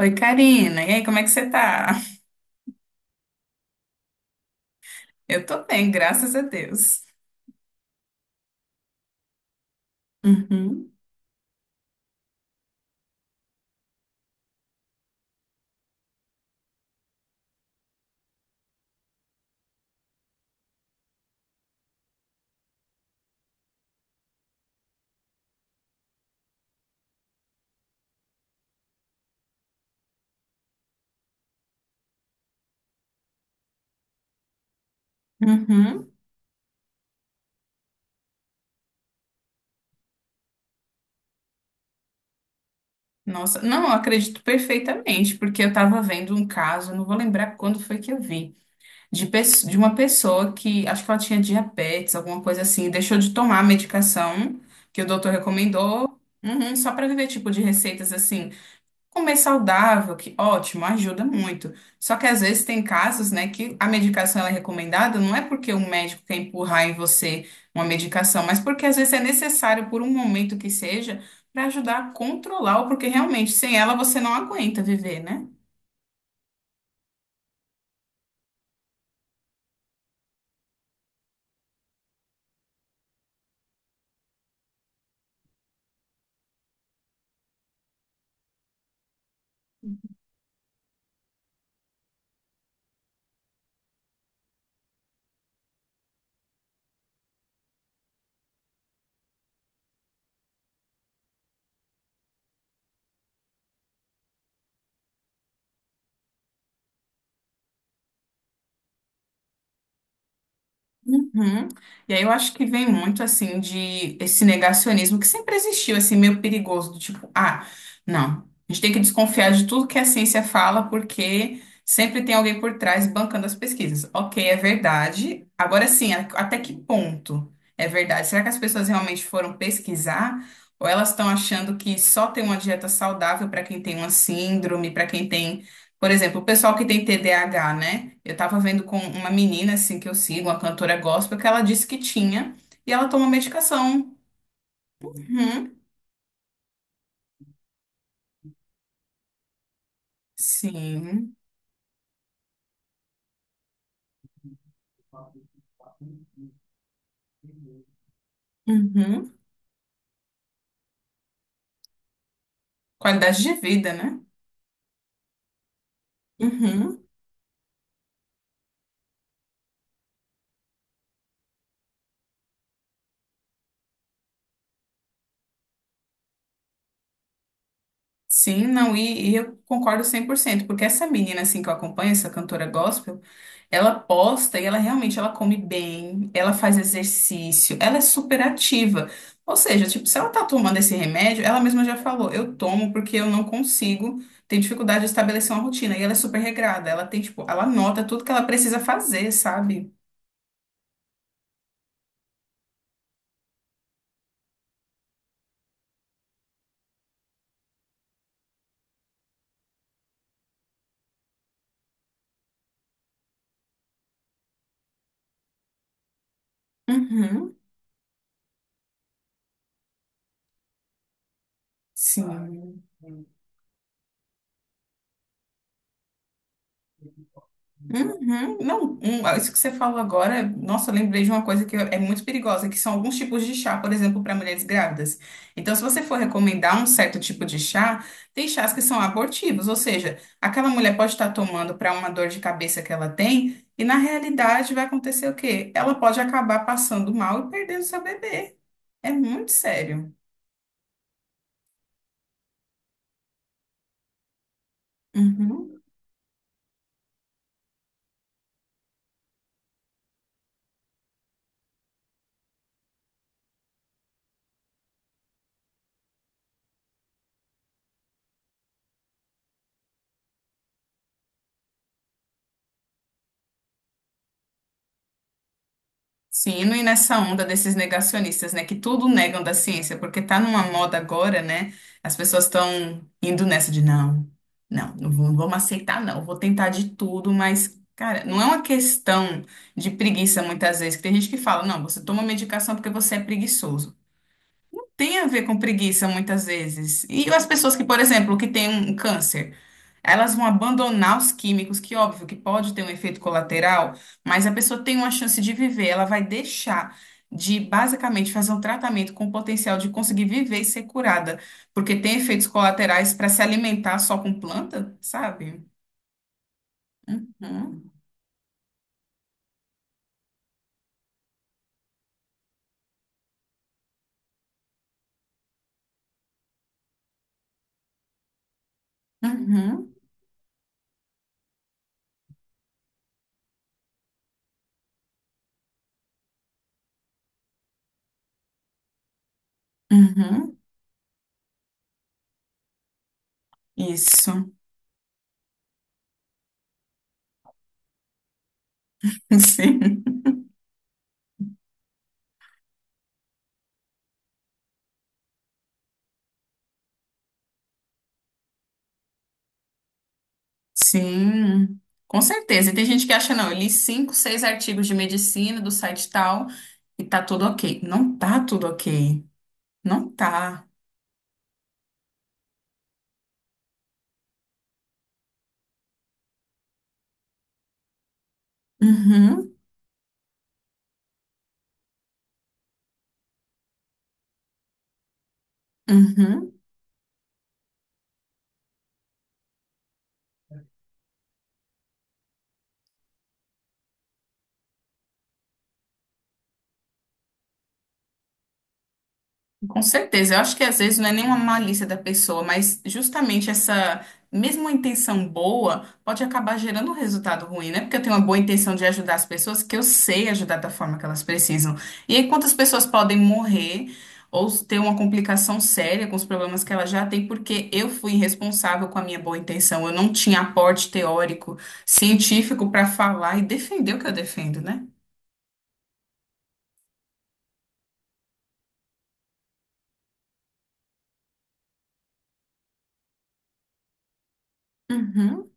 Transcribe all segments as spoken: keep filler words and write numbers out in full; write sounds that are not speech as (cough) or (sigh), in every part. Oi, Karina. E aí, como é que você tá? Eu tô bem, graças a Deus. Uhum, uhum. Nossa, não, eu acredito perfeitamente, porque eu tava vendo um caso, não vou lembrar quando foi que eu vi, de, pesso- de uma pessoa que acho que ela tinha diabetes, alguma coisa assim, e deixou de tomar a medicação que o doutor recomendou, uhum, só pra viver tipo de receitas assim. Comer saudável, que ótimo, ajuda muito. Só que às vezes tem casos, né, que a medicação ela é recomendada, não é porque o médico quer empurrar em você uma medicação, mas porque às vezes é necessário por um momento que seja para ajudar a controlar, ou porque realmente sem ela você não aguenta viver, né? Uhum. E aí eu acho que vem muito assim de esse negacionismo que sempre existiu, assim, meio perigoso, do tipo, ah, não, a gente tem que desconfiar de tudo que a ciência fala, porque sempre tem alguém por trás bancando as pesquisas. Ok, é verdade. Agora sim, a- até que ponto é verdade? Será que as pessoas realmente foram pesquisar? Ou elas estão achando que só tem uma dieta saudável para quem tem uma síndrome, para quem tem por exemplo, o pessoal que tem T D A H, né? Eu tava vendo com uma menina, assim, que eu sigo, uma cantora gospel, que ela disse que tinha, e ela toma medicação. Uhum. Sim. Uhum. Qualidade de vida, né? Uhum. Sim, não, e, e eu concordo cem por cento porque essa menina, assim, que eu acompanho, essa cantora gospel, ela posta e ela realmente, ela come bem, ela faz exercício, ela é super ativa. Ou seja, tipo, se ela tá tomando esse remédio, ela mesma já falou, eu tomo porque eu não consigo, tenho dificuldade de estabelecer uma rotina, e ela é super regrada, ela tem, tipo, ela anota tudo que ela precisa fazer, sabe? Uhum, sim. Uhum. Não, um, ah, isso que você falou agora, nossa, eu lembrei de uma coisa que é muito perigosa, que são alguns tipos de chá, por exemplo, para mulheres grávidas. Então, se você for recomendar um certo tipo de chá, tem chás que são abortivos, ou seja, aquela mulher pode estar tomando para uma dor de cabeça que ela tem, e na realidade vai acontecer o quê? Ela pode acabar passando mal e perdendo seu bebê. É muito sério. Uhum. Sim, e não ir nessa onda desses negacionistas, né, que tudo negam da ciência, porque tá numa moda agora, né? As pessoas estão indo nessa de não, não, não vou- não vamos aceitar, não, vou tentar de tudo, mas, cara, não é uma questão de preguiça muitas vezes, que tem gente que fala, não, você toma medicação porque você é preguiçoso tem a ver com preguiça muitas vezes. E as pessoas que, por exemplo, que têm um câncer, elas vão abandonar os químicos, que óbvio que pode ter um efeito colateral, mas a pessoa tem uma chance de viver, ela vai deixar de basicamente fazer um tratamento com o potencial de conseguir viver e ser curada, porque tem efeitos colaterais para se alimentar só com planta, sabe? Uhum, uhum, uhum. Isso, (laughs) sim. Sim, com certeza. E tem gente que acha, não, eu li cinco, seis artigos de medicina do site tal e tá tudo ok. Não tá tudo ok. Não tá. Uhum, uhum. Com certeza, eu acho que às vezes não é nenhuma malícia da pessoa, mas justamente essa mesma intenção boa pode acabar gerando um resultado ruim, né? Porque eu tenho uma boa intenção de ajudar as pessoas, que eu sei ajudar da forma que elas precisam. E aí, quantas pessoas podem morrer ou ter uma complicação séria com os problemas que elas já têm, porque eu fui irresponsável com a minha boa intenção, eu não tinha aporte teórico, científico para falar e defender o que eu defendo, né? Uhum.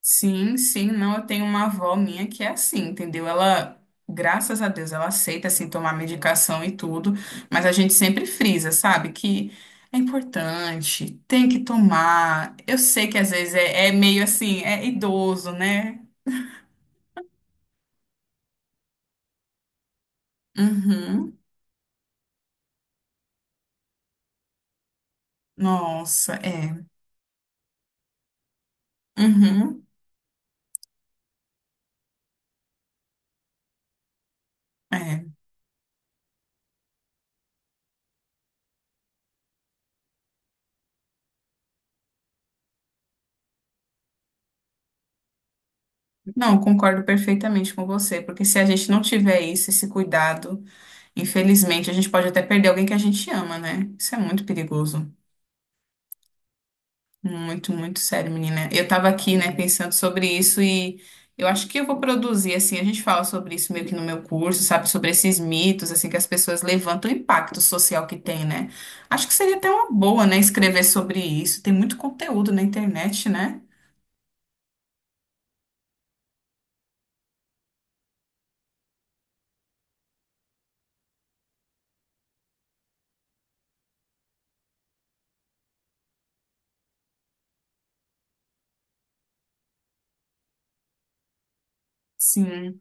Sim, sim, não, eu tenho uma avó minha que é assim, entendeu? Ela, graças a Deus, ela aceita assim tomar medicação e tudo, mas a gente sempre frisa, sabe? Que é importante, tem que tomar. Eu sei que às vezes é, é meio assim, é idoso, né? Uhum. Nossa, é. Uhum. É. Não, concordo perfeitamente com você, porque se a gente não tiver isso, esse cuidado, infelizmente, a gente pode até perder alguém que a gente ama, né? Isso é muito perigoso. Muito, muito sério, menina. Eu tava aqui, né, pensando sobre isso e eu acho que eu vou produzir, assim, a gente fala sobre isso meio que no meu curso, sabe, sobre esses mitos, assim, que as pessoas levantam o impacto social que tem, né? Acho que seria até uma boa, né, escrever sobre isso. Tem muito conteúdo na internet, né? Sim.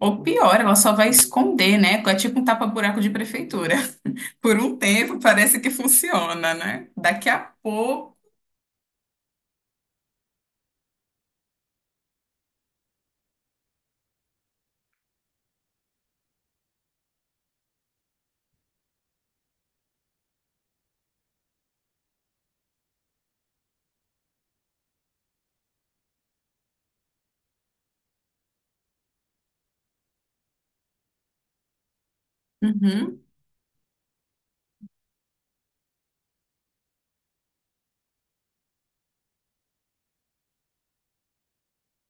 Ou pior, ela só vai esconder, né? É tipo um tapa-buraco de prefeitura. (laughs) Por um tempo parece que funciona, né? Daqui a pouco. Uhum.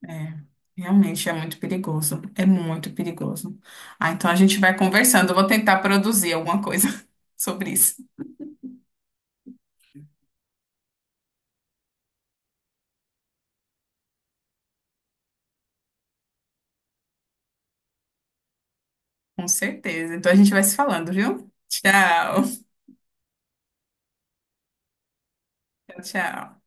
É, realmente é muito perigoso. É muito perigoso. Ah, então a gente vai conversando. Eu vou tentar produzir alguma coisa (laughs) sobre isso. Com certeza. Então a gente vai se falando, viu? Tchau. (laughs) Tchau, tchau.